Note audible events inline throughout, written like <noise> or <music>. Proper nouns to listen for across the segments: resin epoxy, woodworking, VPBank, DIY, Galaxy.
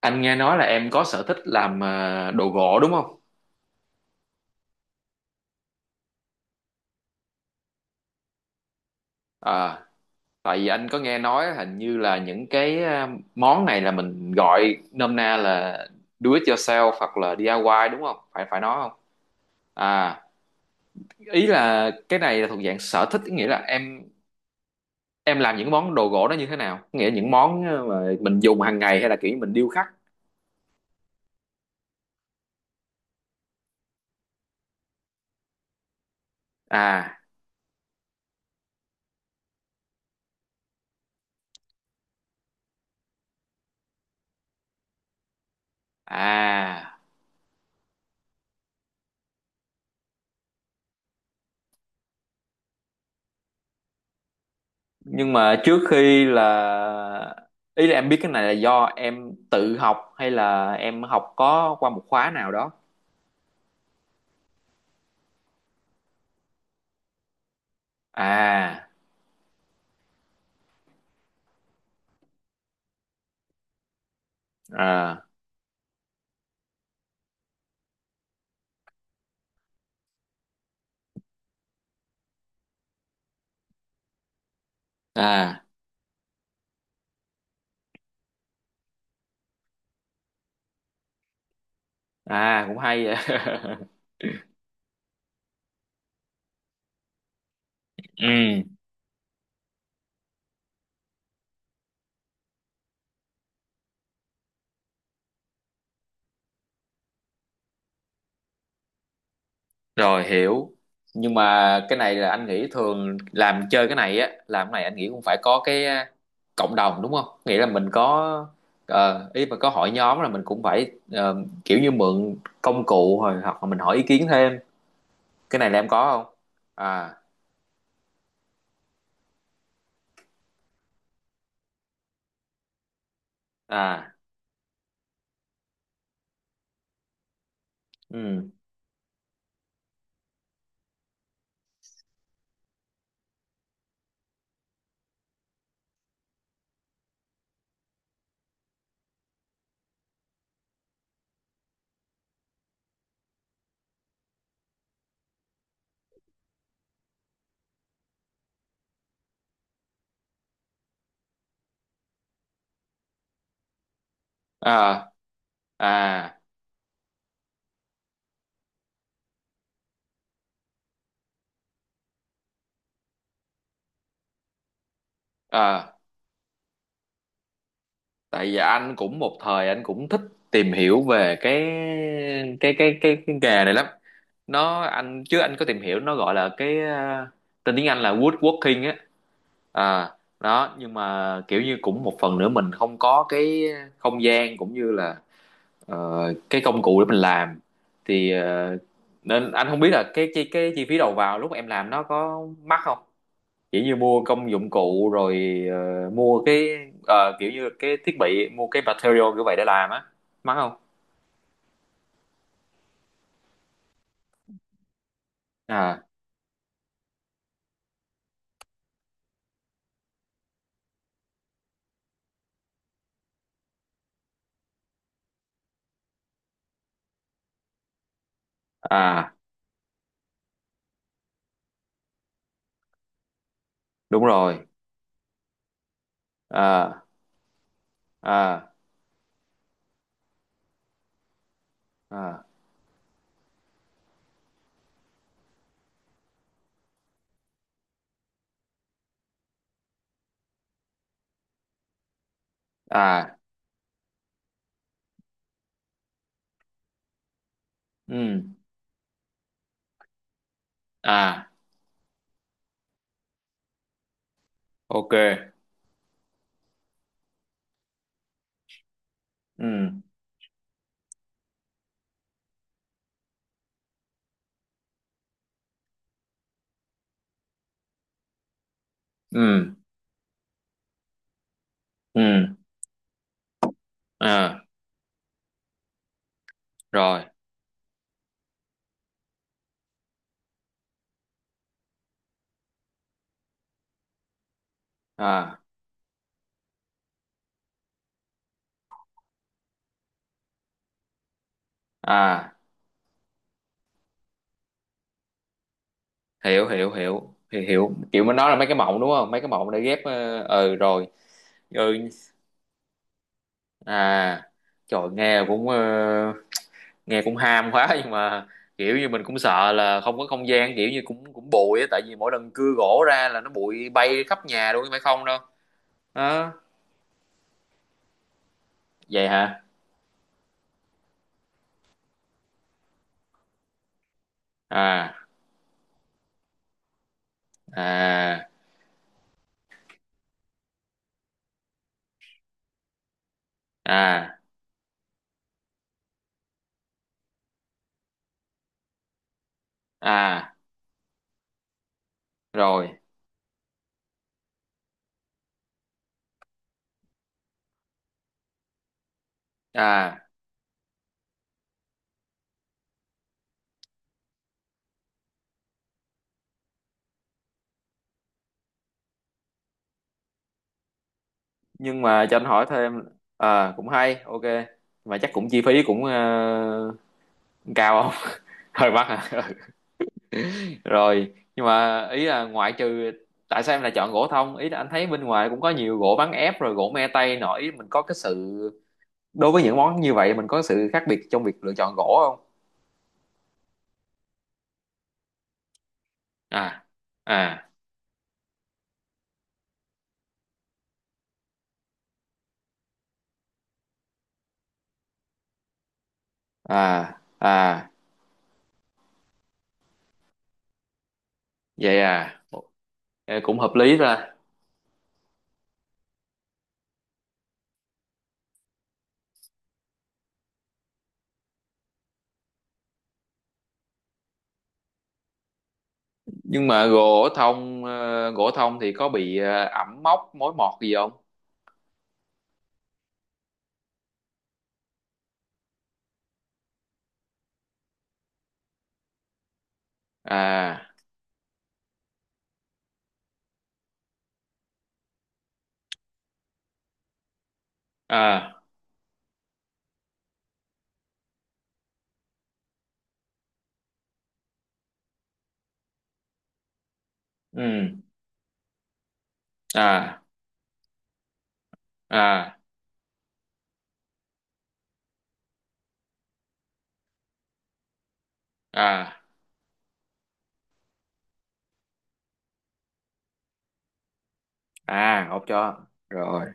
Anh nghe nói là em có sở thích làm đồ gỗ đúng không? À, tại vì anh có nghe nói hình như là những cái món này là mình gọi nôm na là do it yourself hoặc là DIY đúng không? Phải phải nói không? À, ý là cái này là thuộc dạng sở thích, nghĩa là em làm những món đồ gỗ đó như thế nào? Nghĩa là những món mà mình dùng hàng ngày hay là kiểu như mình điêu khắc? À, à, nhưng mà trước khi là ý là em biết cái này là do em tự học hay là em học có qua một khóa nào đó. À, à, à, à, cũng hay vậy. <laughs> Ừ, rồi hiểu. Nhưng mà cái này là anh nghĩ thường làm chơi cái này á làm cái này anh nghĩ cũng phải có cái cộng đồng đúng không, nghĩa là mình có ý mà có hội nhóm là mình cũng phải kiểu như mượn công cụ rồi hoặc là mình hỏi ý kiến thêm. Cái này là em có không? À, à, ừ, à, à, à. Tại vì anh cũng một thời anh cũng thích tìm hiểu về cái nghề này lắm. Nó anh chứ anh có tìm hiểu, nó gọi là cái tên tiếng Anh là woodworking á. À, đó nhưng mà kiểu như cũng một phần nữa mình không có cái không gian cũng như là ờ, cái công cụ để mình làm thì nên anh không biết là cái chi phí đầu vào lúc em làm nó có mắc không, kiểu như mua công dụng cụ rồi mua cái kiểu như cái thiết bị, mua cái material kiểu vậy để làm á, mắc không? À, à, đúng rồi. À, à, à, à, ừ, à, ok. Ừ, ừ, ừ, à, rồi, à, à. Hiểu, hiểu, hiểu, hiểu, hiểu. Kiểu mình nói là mấy cái mộng đúng không, mấy cái mộng để ghép ừ, rồi, ừ, à. Trời, nghe cũng ham quá, nhưng mà kiểu như mình cũng sợ là không có không gian, kiểu như cũng cũng bụi á, tại vì mỗi lần cưa gỗ ra là nó bụi bay khắp nhà luôn phải không đâu. Đó, vậy hả. À, à, à, à, rồi, à. Nhưng mà cho anh hỏi thêm. À, cũng hay, ok. Mà chắc cũng chi phí cũng cao không? <laughs> Hơi mắc hả. Rồi nhưng mà ý là ngoại trừ, tại sao em lại chọn gỗ thông? Ý là anh thấy bên ngoài cũng có nhiều gỗ ván ép rồi gỗ me tây nổi, mình có cái sự đối với những món như vậy, mình có sự khác biệt trong việc lựa chọn gỗ không? À, à, à, à, vậy à. Ờ, cũng hợp lý ra. Nhưng mà gỗ thông thì có bị ẩm mốc mối mọt gì không? À, à, ừ, à, à, à, à ổn cho rồi,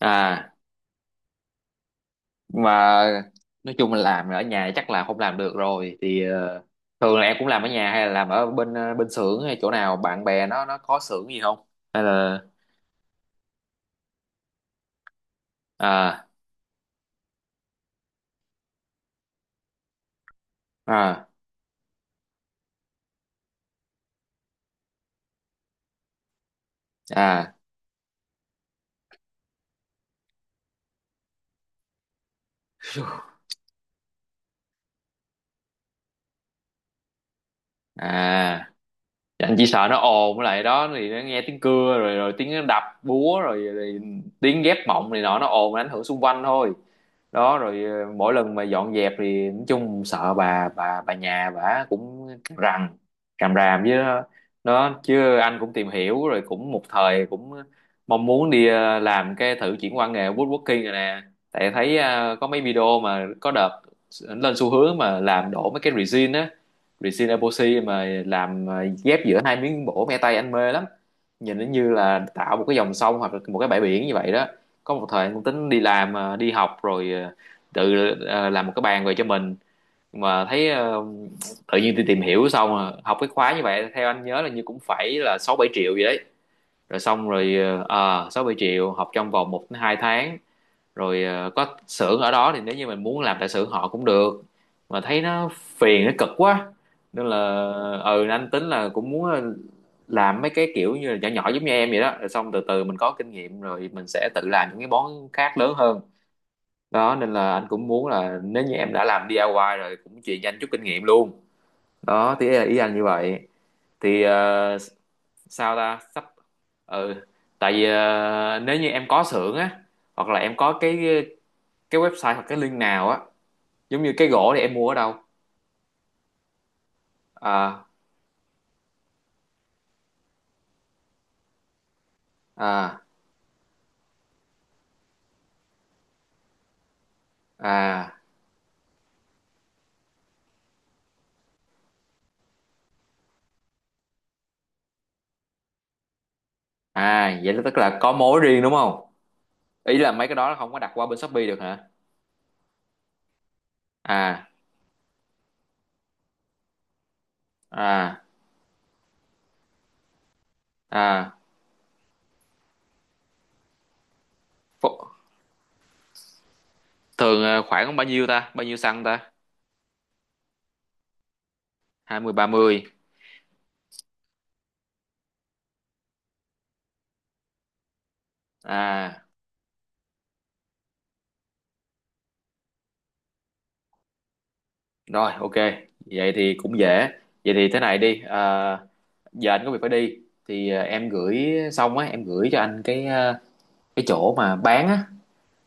à. Nhưng mà nói chung là làm ở nhà chắc là không làm được rồi thì thường là em cũng làm ở nhà hay là làm ở bên bên xưởng hay chỗ nào bạn bè nó có xưởng gì không, hay là. À, à, à, à. Dạ, anh chỉ sợ nó ồn, với lại đó thì nó nghe tiếng cưa rồi rồi tiếng đập búa rồi, tiếng ghép mộng này nọ, nó ồn ảnh hưởng xung quanh thôi. Đó rồi mỗi lần mà dọn dẹp thì nói chung sợ bà nhà bà cũng rằn ràm ràm với nó. Đó, chứ anh cũng tìm hiểu rồi, cũng một thời cũng mong muốn đi làm cái thử chuyển qua nghề woodworking rồi nè. Tại thấy có mấy video mà có đợt lên xu hướng mà làm đổ mấy cái resin á, resin epoxy mà làm ghép giữa hai miếng gỗ me tây, anh mê lắm. Nhìn nó như là tạo một cái dòng sông hoặc là một cái bãi biển như vậy đó. Có một thời anh cũng tính đi học rồi làm một cái bàn về cho mình, mà thấy tự nhiên đi tìm hiểu xong học cái khóa như vậy theo anh nhớ là như cũng phải là 6-7 triệu gì đấy. Rồi xong rồi sáu bảy triệu học trong vòng 1 đến 2 tháng. Rồi có xưởng ở đó thì nếu như mình muốn làm tại xưởng họ cũng được, mà thấy nó phiền nó cực quá. Nên là ừ, anh tính là cũng muốn làm mấy cái kiểu như là nhỏ nhỏ giống như em vậy đó, rồi xong từ từ mình có kinh nghiệm rồi mình sẽ tự làm những cái món khác lớn hơn. Đó nên là anh cũng muốn là nếu như em đã làm DIY rồi cũng truyền cho anh chút kinh nghiệm luôn. Đó thì là ý anh như vậy thì sao ta sắp. Ừ, tại vì nếu như em có xưởng á hoặc là em có cái website hoặc cái link nào á, giống như cái gỗ thì em mua ở đâu? À, à, à, à, vậy là tức là có mối riêng đúng không? Ý là mấy cái đó không có đặt qua bên Shopee được hả? À, à, à. Ph- Thường khoảng bao nhiêu ta bao nhiêu xăng ta, 20-30? À, rồi, ok, vậy thì cũng dễ. Vậy thì thế này đi. Ờ, giờ anh có việc phải đi, thì em gửi xong á em gửi cho anh cái chỗ mà bán á,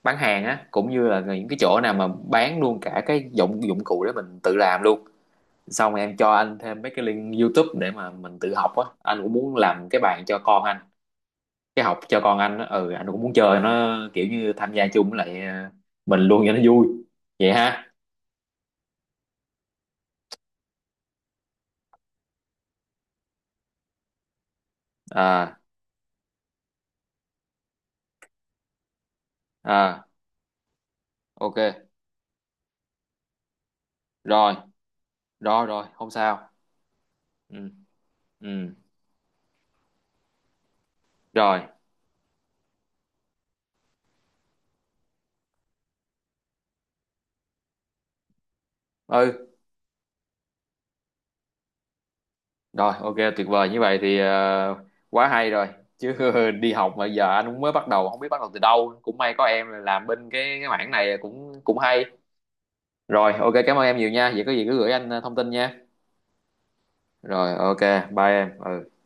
bán hàng á, cũng như là những cái chỗ nào mà bán luôn cả cái dụng dụng cụ để mình tự làm luôn. Xong rồi em cho anh thêm mấy cái link YouTube để mà mình tự học á, anh cũng muốn làm cái bàn cho con anh. Cái học cho con anh á, ừ, anh cũng muốn chơi nó kiểu như tham gia chung với lại mình luôn cho nó vui. Vậy ha. À, à, ok, rồi, rồi, rồi, không sao. Ừ, ừ, rồi, ừ. Rồi, ok, tuyệt vời. Như vậy thì quá hay rồi. Chứ <laughs> đi học mà giờ anh cũng mới bắt đầu, không biết bắt đầu từ đâu. Cũng may có em làm bên cái mảng này cũng cũng hay. Rồi, ok, cảm ơn em nhiều nha. Vậy có gì cứ gửi anh thông tin nha. Rồi, ok, bye em. Ừ.